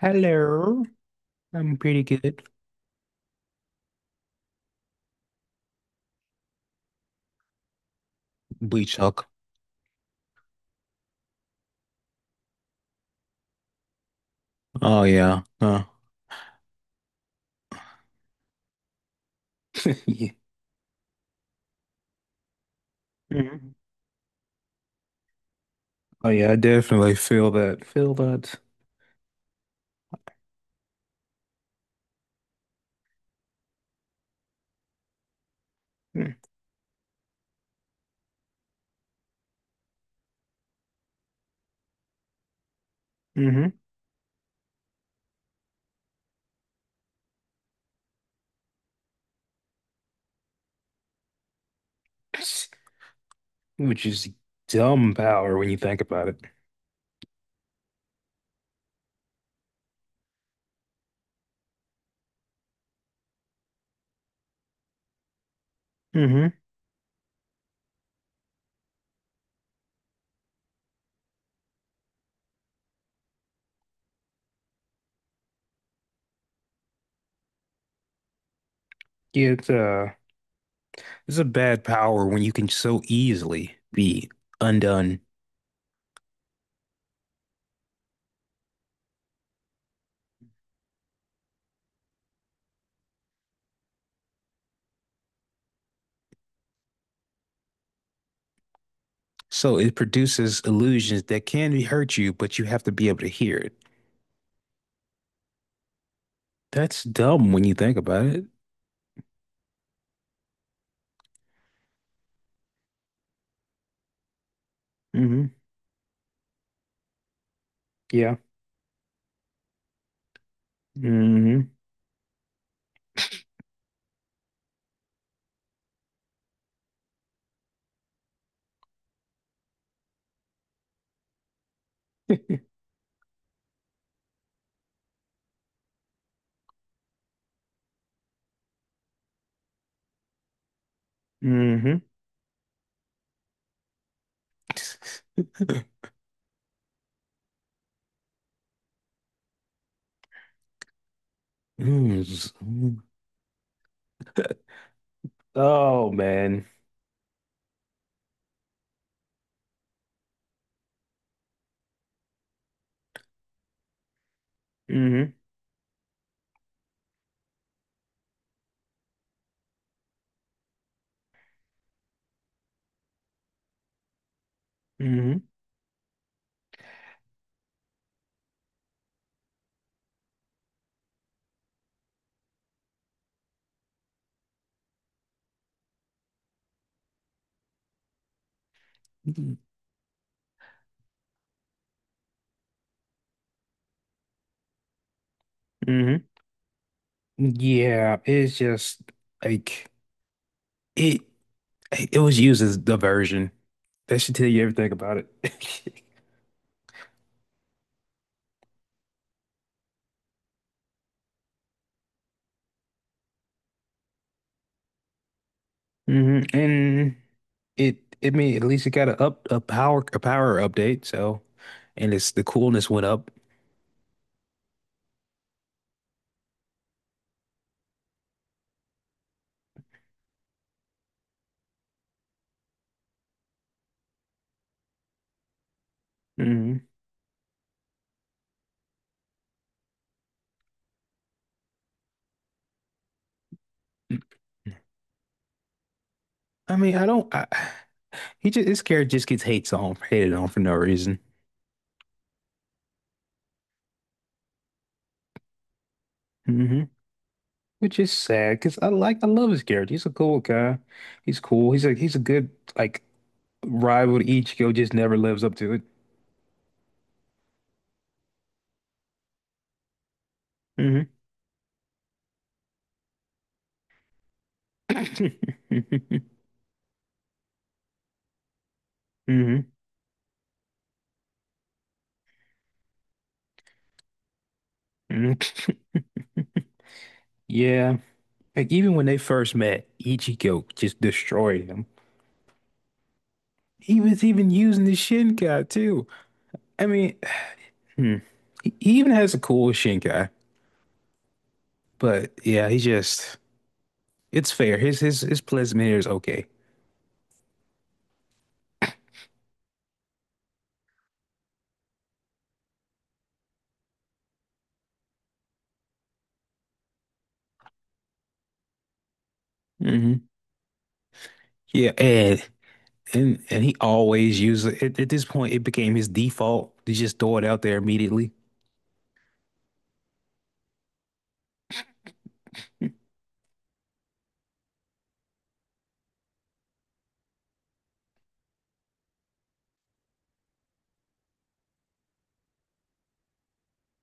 Hello, I'm pretty good. We talk. Oh yeah. Yeah. Mhm. Oh yeah, I definitely feel that. Feel that. Mm-hmm. Which is dumb power when you think about it. Mm-hmm. Yeah, it's it's a bad power when you can so easily be undone. So it produces illusions that can hurt you, but you have to be able to hear it. That's dumb when you think about it. Mm-hmm. Yeah. Mm-hmm. Mm-hmm. Mm, it's- mm, Oh man. Hmm hmm mm. hmm Yeah, it's just like it it was used as diversion. That should tell you everything about it. hmm And it I mean at least it got a power update, so and it's the coolness went up. Hmm I mean, I don't I, he just this character just gets hates on hated on for no reason. Mm-hmm. Which is sad because I love his character. He's a cool guy. He's cool. He's a good like rival to Ichigo, just never lives up to it. Hmm hmm hmm Yeah. Like even when they first met, Ichigo just destroyed him. He was even using the Shinkai too. I mean, hmm. He even has a cool Shinkai, but yeah, he just it's fair. His placement here is okay. hmm Yeah, and and he always used it. At this point, it became his default to just throw it out there immediately.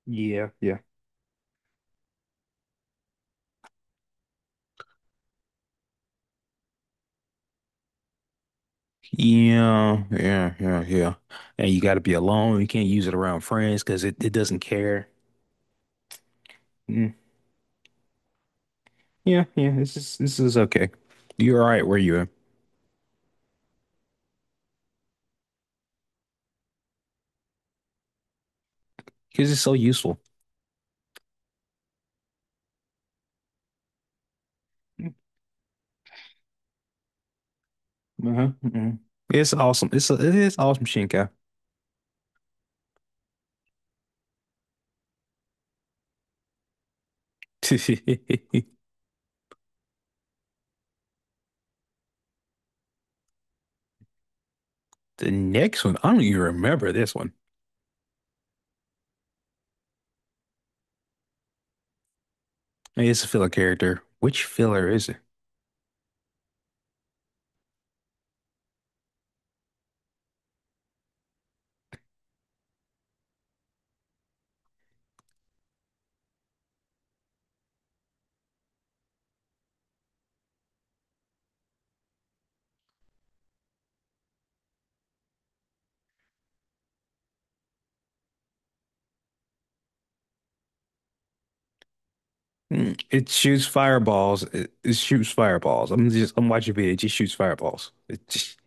Yeah, yeah. Yeah, yeah, yeah, yeah. And you got to be alone. You can't use it around friends because it doesn't care. Mm. Yeah, yeah. This is okay. You're all right where you are because it's so useful. Uh-huh. uh-uh. It's awesome. It is awesome, Shinkai. The next one, I don't even remember this one. It's a filler character. Which filler is it? Mm, it shoots fireballs. It shoots fireballs. I'm watching video. It just shoots fireballs. It just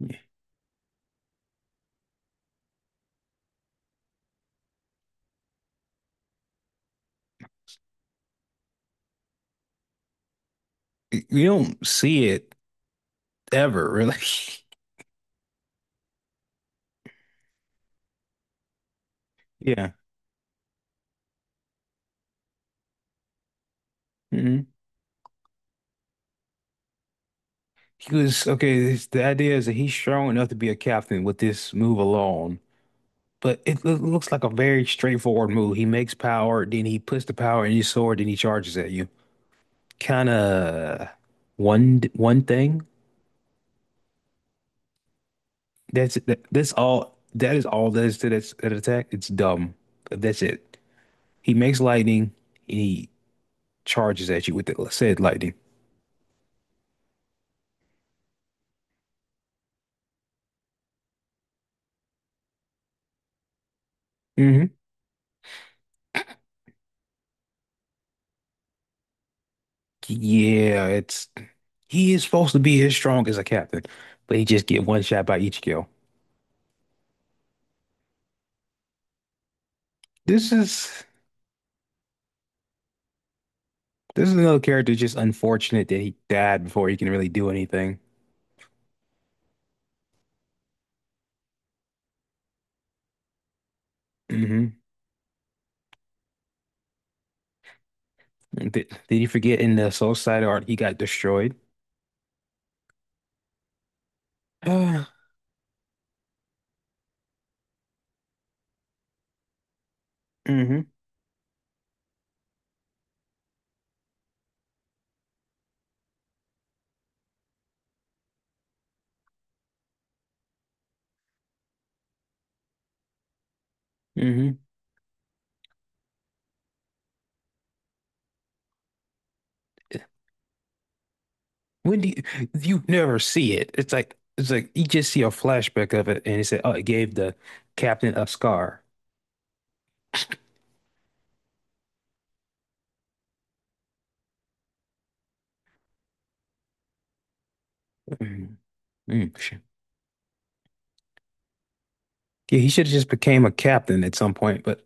yeah. It- you don't see it ever really. Yeah. hmm He was okay. This, the idea is that he's strong enough to be a captain with this move alone. But it loo- looks like a very straightforward move. He makes power, then he puts the power in his sword, then he charges at you. Kind of one thing. That's all. That is all that is to that attack. It's dumb. That's it. He makes lightning and he charges at you with the said lightning. Hmm Yeah, it's he is supposed to be as strong as a captain, but he just get one shot by each kill. This is another character just unfortunate that he died before he can really do anything. Hmm Did you forget in the Soul Side art he got destroyed? Uh, hmm hmm When do you, you never see it? It's like you just see a flashback of it, and it said, "Oh, it gave the captain a scar." Mm, mm. Yeah, he should have just became a captain at some point, but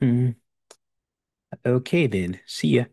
mm, okay then. See ya.